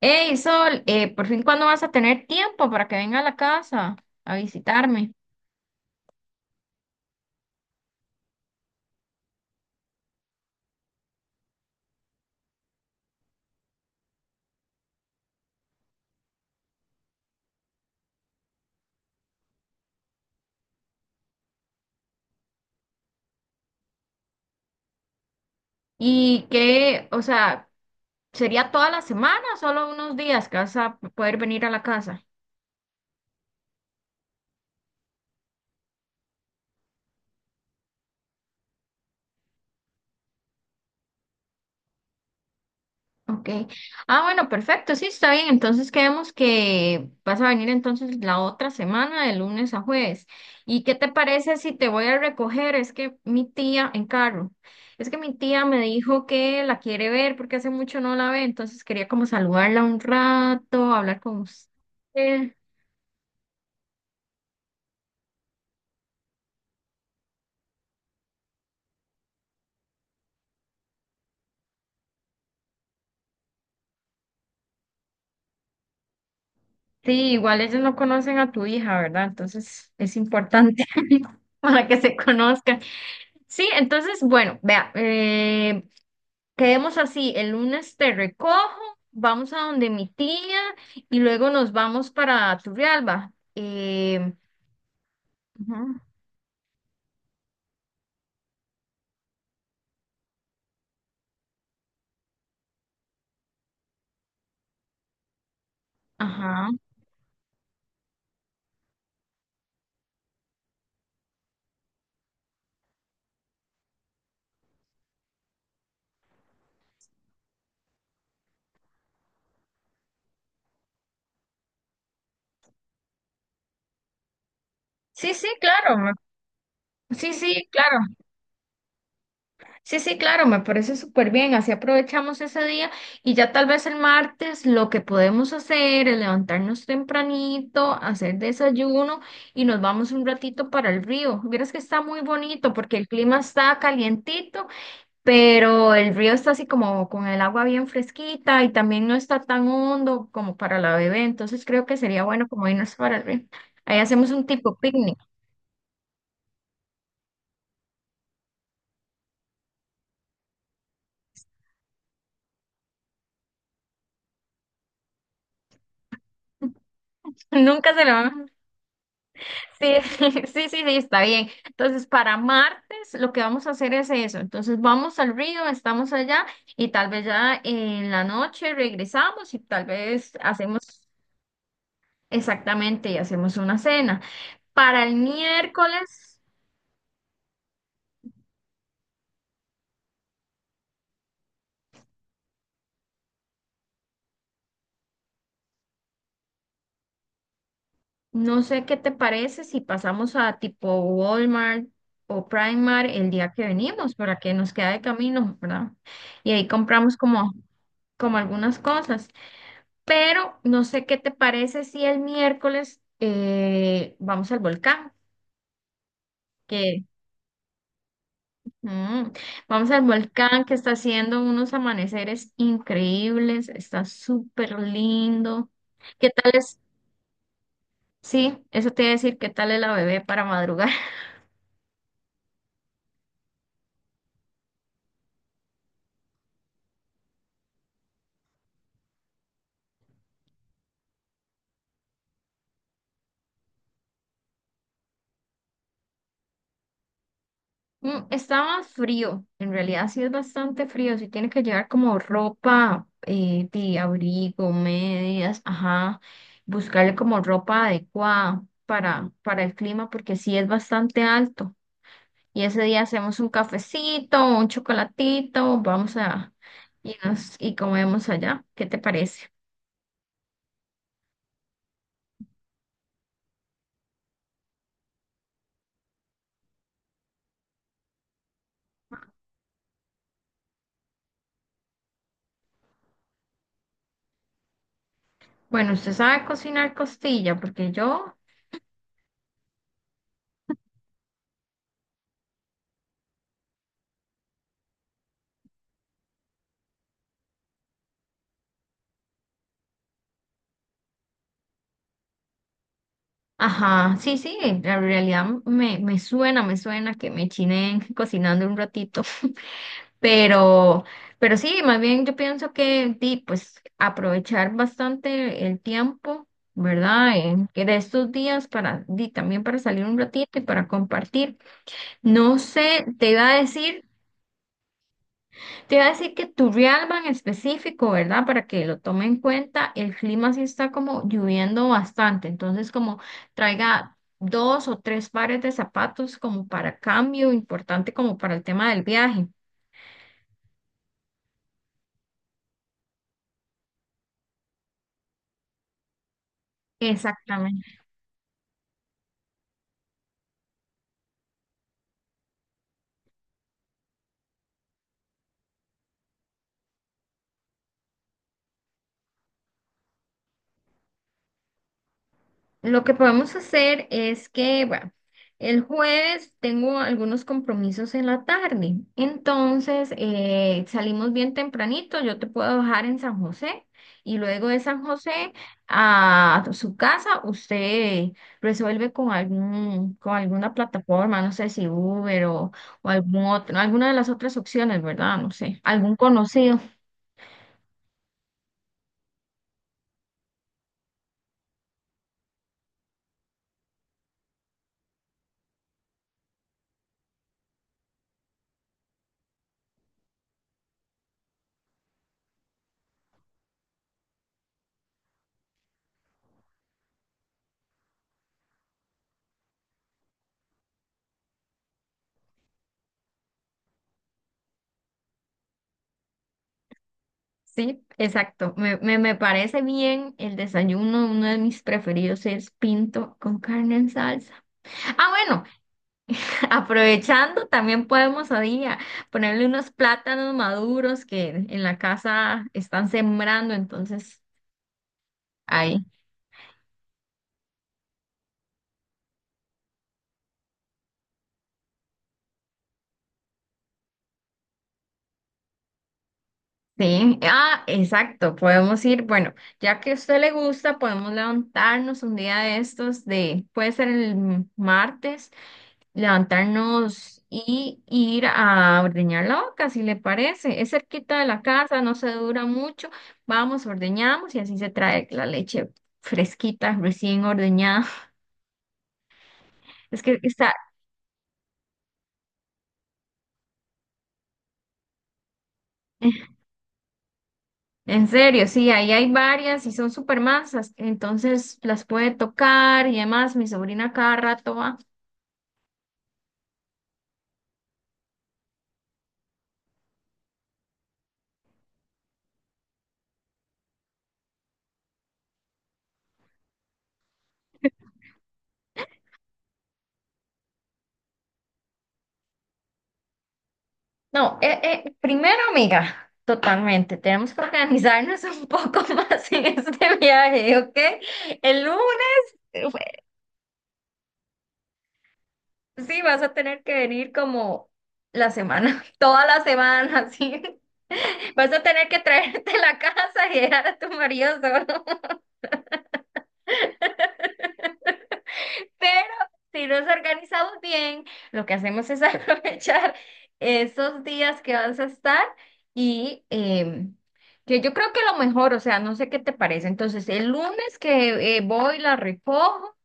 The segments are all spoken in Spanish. Hey, Sol, por fin, ¿cuándo vas a tener tiempo para que venga a la casa a visitarme? Y que, o sea, ¿sería toda la semana o solo unos días que vas a poder venir a la casa? Ok. Ah, bueno, perfecto. Sí, está bien. Entonces quedamos que vas a venir entonces la otra semana, de lunes a jueves. ¿Y qué te parece si te voy a recoger? Es que mi tía en carro. Es que mi tía me dijo que la quiere ver porque hace mucho no la ve, entonces quería como saludarla un rato, hablar con usted. Sí, igual ellos no conocen a tu hija, ¿verdad? Entonces es importante para que se conozcan. Sí, entonces, bueno, vea, Quedemos así, el lunes te recojo, vamos a donde mi tía y luego nos vamos para Turrialba. Ujú. Ajá. Sí, sí, claro. Sí, sí, claro. Sí, sí, claro, me parece súper bien. Así aprovechamos ese día y ya tal vez el martes lo que podemos hacer es levantarnos tempranito, hacer desayuno y nos vamos un ratito para el río. Vieras que está muy bonito porque el clima está calientito pero el río está así como con el agua bien fresquita y también no está tan hondo como para la bebé, entonces creo que sería bueno como irnos para el río. Ahí hacemos un tipo picnic. Nunca se lo van. Sí, sí, sí, sí, está bien. Entonces, para martes lo que vamos a hacer es eso. Entonces, vamos al río, estamos allá y tal vez ya en la noche regresamos y tal vez hacemos exactamente y hacemos una cena. Para el miércoles. No sé qué te parece si pasamos a tipo Walmart o Primark el día que venimos, para que nos queda de camino, ¿verdad? Y ahí compramos como, como algunas cosas. Pero no sé qué te parece si el miércoles vamos al volcán, que mm, vamos al volcán que está haciendo unos amaneceres increíbles, está súper lindo. ¿Qué tal es? Sí, eso te iba a decir, ¿qué tal es la bebé para madrugar? Mm, está más frío, en realidad sí es bastante frío, sí tiene que llevar como ropa de abrigo, medias, ajá, buscarle como ropa adecuada para el clima porque sí es bastante alto. Y ese día hacemos un cafecito, un chocolatito, vamos a y nos y comemos allá. ¿Qué te parece? Bueno, usted sabe cocinar costilla porque yo, ajá, sí, sí, en realidad me, me suena que me chiné cocinando un ratito. Pero, pero sí, más bien yo pienso que di, pues aprovechar bastante el tiempo, ¿verdad? En, que de estos días para di, también para salir un ratito y para compartir. No sé, te iba a decir, te iba a decir que Turrialba en específico, ¿verdad? Para que lo tome en cuenta, el clima sí está como lloviendo bastante, entonces como traiga dos o tres pares de zapatos como para cambio, importante como para el tema del viaje. Exactamente. Lo que podemos hacer es que, bueno, el jueves tengo algunos compromisos en la tarde, entonces salimos bien tempranito, yo te puedo bajar en San José y luego de San José a su casa usted resuelve con algún, con alguna plataforma, no sé si Uber o algún otro, alguna de las otras opciones, ¿verdad? No sé, algún conocido. Sí, exacto. Me parece bien el desayuno. Uno de mis preferidos es pinto con carne en salsa. Ah, bueno, aprovechando, también podemos ahí a día ponerle unos plátanos maduros que en la casa están sembrando. Entonces, ahí. Sí, ah, exacto. Podemos ir, bueno, ya que a usted le gusta, podemos levantarnos un día de estos de, puede ser el martes. Levantarnos y ir a ordeñar la vaca, si le parece. Es cerquita de la casa, no se dura mucho. Vamos, ordeñamos y así se trae la leche fresquita, recién ordeñada. Es que está, en serio, sí, ahí hay varias y son súper masas, entonces las puede tocar y además mi sobrina cada rato va. No, primero, amiga, totalmente, tenemos que organizarnos un poco más en este viaje, ¿ok? El lunes sí, vas a tener que venir como la semana, toda la semana, sí. Vas a tener que traerte la casa y dejar a tu marido solo. Pero si nos organizamos bien, lo que hacemos es aprovechar esos días que vas a estar y que yo creo que lo mejor, o sea, no sé qué te parece. Entonces, el lunes que voy, la recojo,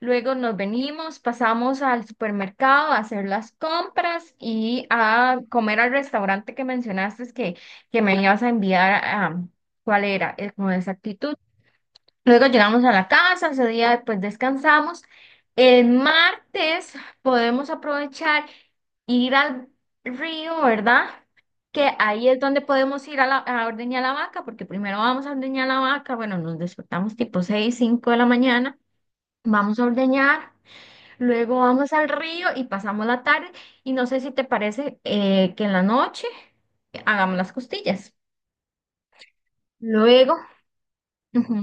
luego nos venimos, pasamos al supermercado a hacer las compras y a comer al restaurante que mencionaste que me ibas a enviar a... ¿Cuál era? Con exactitud. Luego llegamos a la casa, ese día pues descansamos. El martes podemos aprovechar ir al río, ¿verdad? Que ahí es donde podemos ir a, a ordeñar la vaca, porque primero vamos a ordeñar la vaca, bueno, nos despertamos tipo 6 5 de la mañana, vamos a ordeñar, luego vamos al río y pasamos la tarde, y no sé si te parece que en la noche hagamos las costillas. Luego Ujú.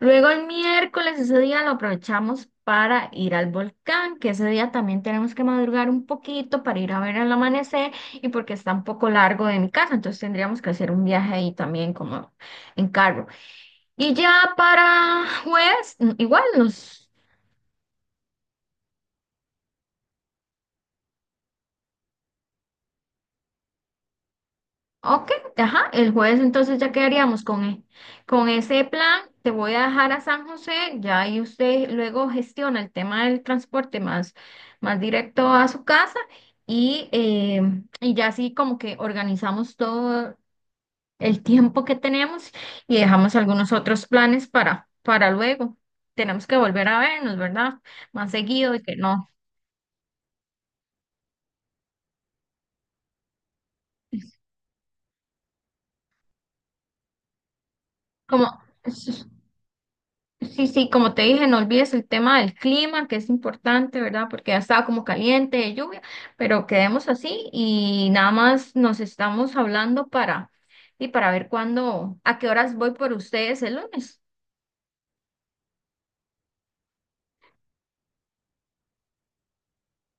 Luego el miércoles, ese día lo aprovechamos para ir al volcán, que ese día también tenemos que madrugar un poquito para ir a ver el amanecer y porque está un poco largo de mi casa, entonces tendríamos que hacer un viaje ahí también como en carro. Y ya para jueves, mm, igual nos ok, ajá, el jueves entonces ya quedaríamos con, con ese plan. Te voy a dejar a San José, ya ahí usted luego gestiona el tema del transporte más, más directo a su casa y, eh, y ya así como que organizamos todo el tiempo que tenemos y dejamos algunos otros planes para luego. Tenemos que volver a vernos, ¿verdad? Más seguido y que no, como... Sí, sí, como te dije, no olvides el tema del clima, que es importante, ¿verdad? Porque ya estaba como caliente, de lluvia, pero quedemos así y nada más nos estamos hablando para, y para ver cuándo, a qué horas voy por ustedes el lunes.